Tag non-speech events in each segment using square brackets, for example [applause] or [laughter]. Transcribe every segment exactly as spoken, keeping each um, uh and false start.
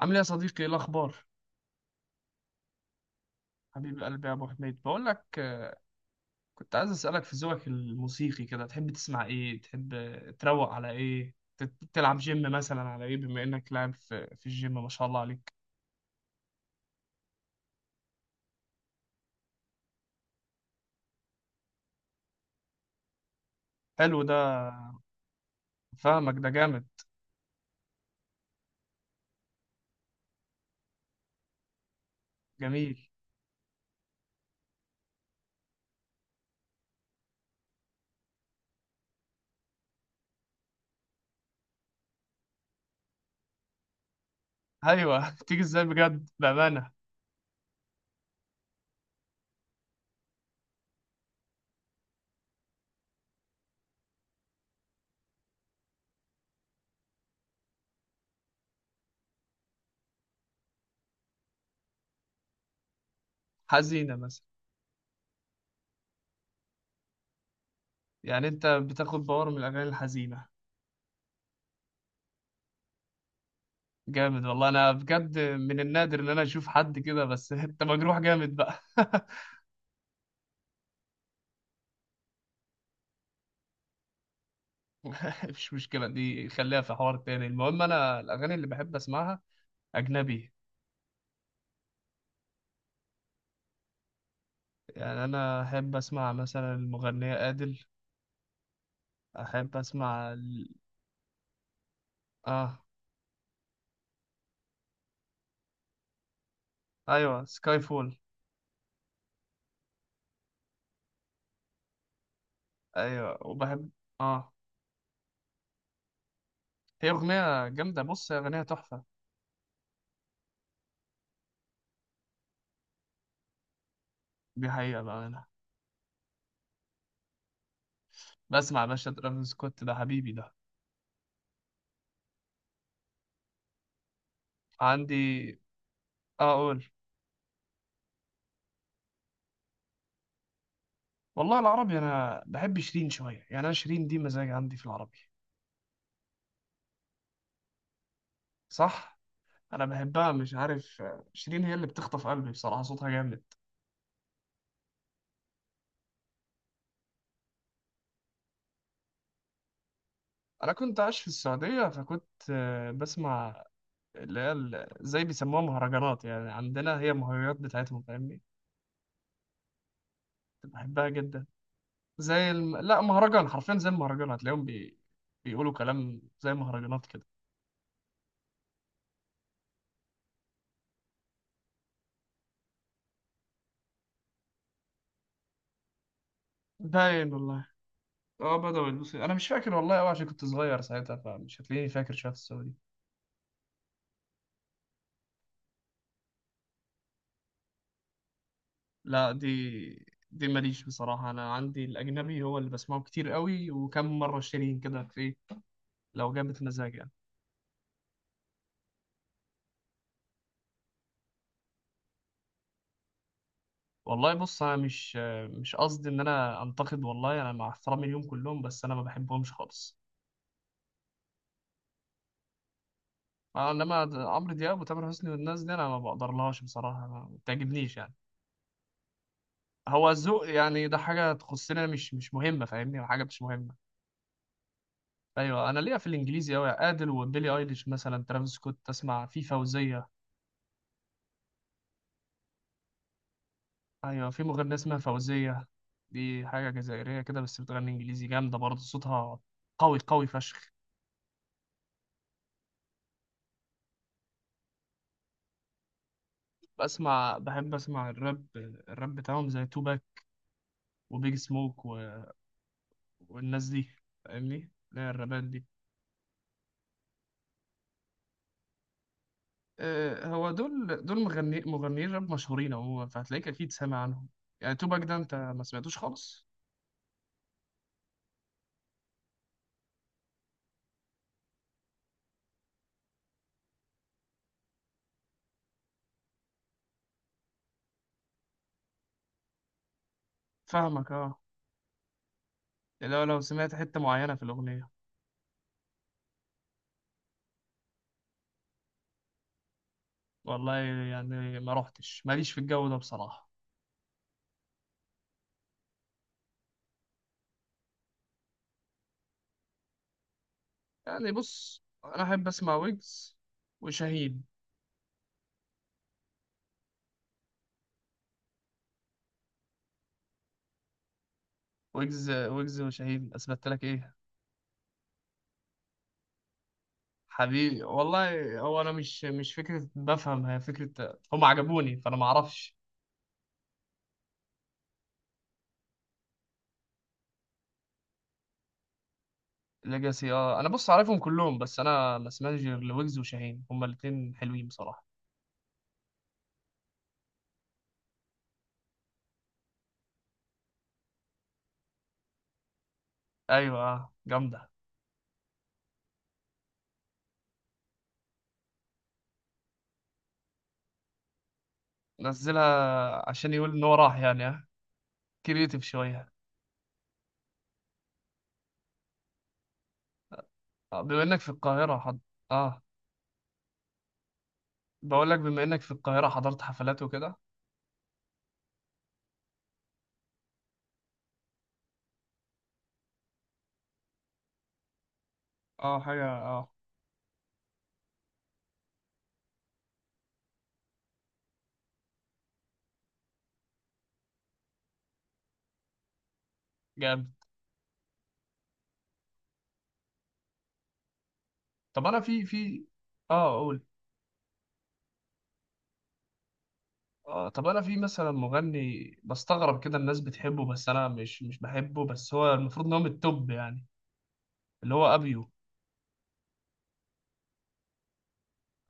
عامل ايه يا صديقي؟ ايه الاخبار؟ حبيب قلبي يا ابو حميد، بقول لك آه، كنت عايز اسالك في ذوقك الموسيقي كده. تحب تسمع ايه؟ تحب آه، تروق على ايه؟ ت- تلعب جيم مثلا على ايه، بما انك لاعب في, في الجيم ما شاء الله عليك. حلو ده. فاهمك، ده جامد. جميل. ايوه [laughs] تيجي ازاي بجد، بامانه؟ حزينه مثلا؟ يعني انت بتاخد باور من الاغاني الحزينه؟ جامد والله، انا بجد من النادر ان انا اشوف حد كده، بس [laughs] انت مجروح جامد بقى [laughs] [laughs] مفيش مشكلة، دي خليها في حوار تاني. المهم أنا الأغاني اللي بحب أسمعها أجنبي. يعني أنا أحب أسمع مثلا المغنية أديل، أحب أسمع ال... آه. أيوة، سكاي فول. أيوة وبحب. آه هي أغنية جامدة. بص هي أغنية تحفة. دي حقيقة بقى. أنا بسمع يا باشا، ترافيس سكوت ده حبيبي ده. عندي. آه أقول. والله العربي، أنا بحب شيرين شوية، يعني أنا شيرين دي مزاج عندي في العربي. صح؟ أنا بحبها مش عارف، آه، شيرين هي اللي بتخطف قلبي بصراحة، صوتها جامد. انا كنت عايش في السعوديه، فكنت آه، بسمع اللي هي ال- زي بيسموها مهرجانات، يعني عندنا هي المهرجانات بتاعتهم، فاهمني؟ كنت بحبها جدا. زي الم... لا مهرجان حرفيا، زي المهرجان، هتلاقيهم بي... بيقولوا كلام زي مهرجانات كده. باين والله. اه بدأوا يلبسوا. انا مش فاكر والله قوي عشان كنت صغير ساعتها، فمش هتلاقيني فاكر شويه في السعودي. لا دي، دي ماليش بصراحه. انا عندي الاجنبي هو اللي بسمعه كتير قوي، وكم مره شيرين كده في، لو جابت مزاج يعني. والله بص انا مش مش قصدي ان انا انتقد والله، انا مع احترامي ليهم كلهم، بس انا ما بحبهمش خالص. آه، انما د- عمرو دياب وتامر حسني والناس دي انا ما بقدرلهاش بصراحه، ما ما بتعجبنيش يعني. هو الذوق يعني ده حاجه تخصنا، مش مش مهمه، فاهمني؟ حاجه مش مهمه. ايوه انا ليا في الانجليزي قوي ادل وبيلي ايليش، مثلا ترافيس سكوت، تسمع في فوزيه. ايوه في مغنيه اسمها فوزيه. دي حاجه جزائريه كده بس بتغني انجليزي، جامده برضه صوتها قوي قوي فشخ. بسمع، بحب اسمع الراب. الراب بتاعهم زي توباك وبيج سموك و... والناس دي، فاهمني؟ لا الرابات دي، أه هو دول دول مغني مغنيين راب مشهورين عموما، فهتلاقيك اكيد سامع عنهم. يعني توباك ده انت ما سمعتوش خالص؟ فاهمك اه. لو لو سمعت حتة معينة في الأغنية. والله يعني ما رحتش، ماليش في الجو ده بصراحة. يعني بص انا احب اسمع ويجز وشاهين. ويجز، ويجز وشاهين اثبت لك ايه؟ حبيبي والله، هو انا مش مش فكره بفهم، هي فكره هم عجبوني، فانا ما اعرفش. ليجاسي اه. انا بص عارفهم كلهم بس انا ما سمعتش غير لويجز وشاهين، هم الاثنين حلوين بصراحه. ايوه آه، جامده. نزلها عشان يقول ان هو راح يعني، ها؟ كرييتيف شويه. آه، بما انك في القاهره حض... اه. بقول لك بما انك في القاهره حضرت حفلات وكده؟ اه حاجه اه. جامد. طب انا في في اه قول. آه، طب انا في مثلا مغني بستغرب كده الناس بتحبه، بس انا مش مش بحبه، بس هو المفروض ان هو من التوب يعني. اللي هو ابيو.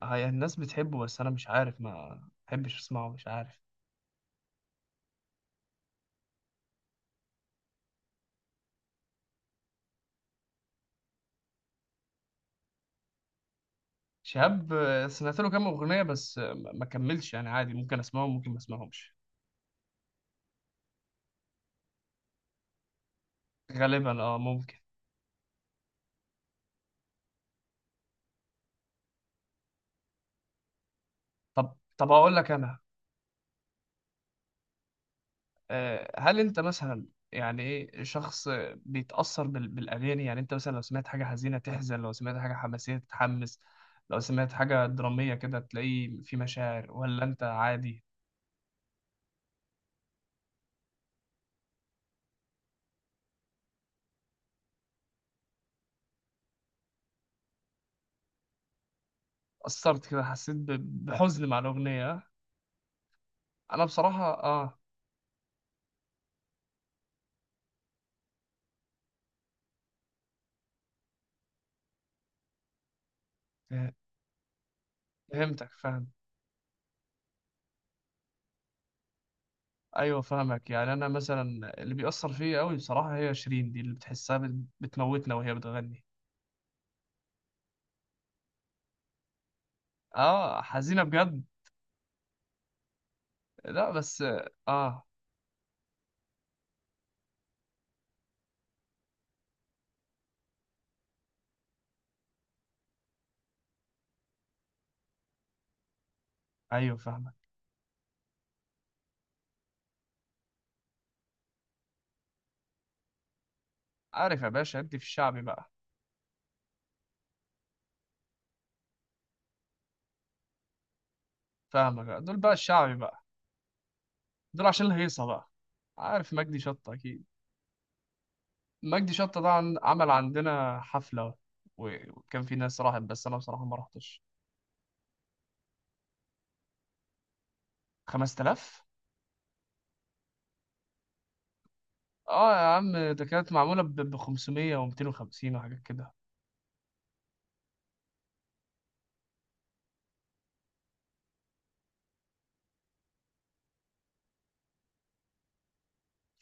آه، يعني الناس بتحبه بس انا مش عارف، ما بحبش اسمعه، مش عارف. شهاب آه، سمعت له كام اغنيه، بس آه، ما ما كملش يعني، عادي، ممكن اسمعهم ممكن ما اسمعهمش. غالبا اه ممكن. طب طب اقول لك انا. آه، هل انت مثلا، يعني ايه، شخص بيتأثر بال- بالأغاني؟ يعني انت مثلا لو سمعت حاجة حزينة تحزن، لو سمعت حاجة حماسية تتحمس، لو سمعت حاجة درامية كده تلاقي في مشاعر، ولا انت عادي؟ أثرت كده؟ حسيت ب- بحزن مع الأغنية؟ انا بصراحة اه، فه- فهمتك، فاهم. ايوه فاهمك. يعني انا مثلا اللي بيأثر فيا قوي بصراحة هي شيرين دي، اللي بتحسها بت- بتموتنا وهي بتغني. اه حزينة بجد. لا بس اه آه،. ايوه فاهمك. عارف يا باشا ادي في الشعبي بقى. فاهمك بقى. دول بقى الشعبي بقى. دول عشان الهيصة بقى. عارف مجدي شطة أكيد. مجدي شطة ده عن- عمل عندنا حفلة، و- وكان في ناس راحت، بس أنا بصراحة ما رحتش. خمس تلاف، اه يا عم، ده كانت معمولة ب خمسمية و ميتين وخمسين وحاجات كده.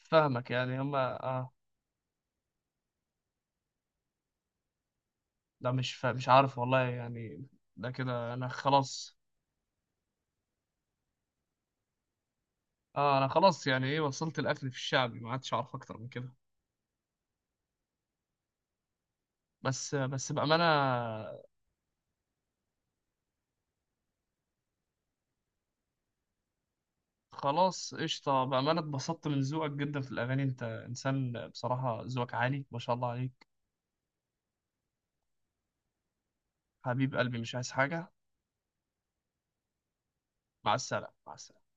فاهمك يعني هما اه. لا مش فا... مش عارف والله يعني. ده كده أنا خلاص. اه أنا خلاص يعني، إيه وصلت الأكل في الشعبي، ما عادش أعرف أكتر من كده. بس بس بأمانة. خلاص قشطة، بأمانة اتبسطت من ذوقك جدا في الأغاني، أنت إنسان بصراحة ذوقك عالي ما شاء الله عليك. حبيب قلبي مش عايز حاجة. مع السلامة، مع السلامة.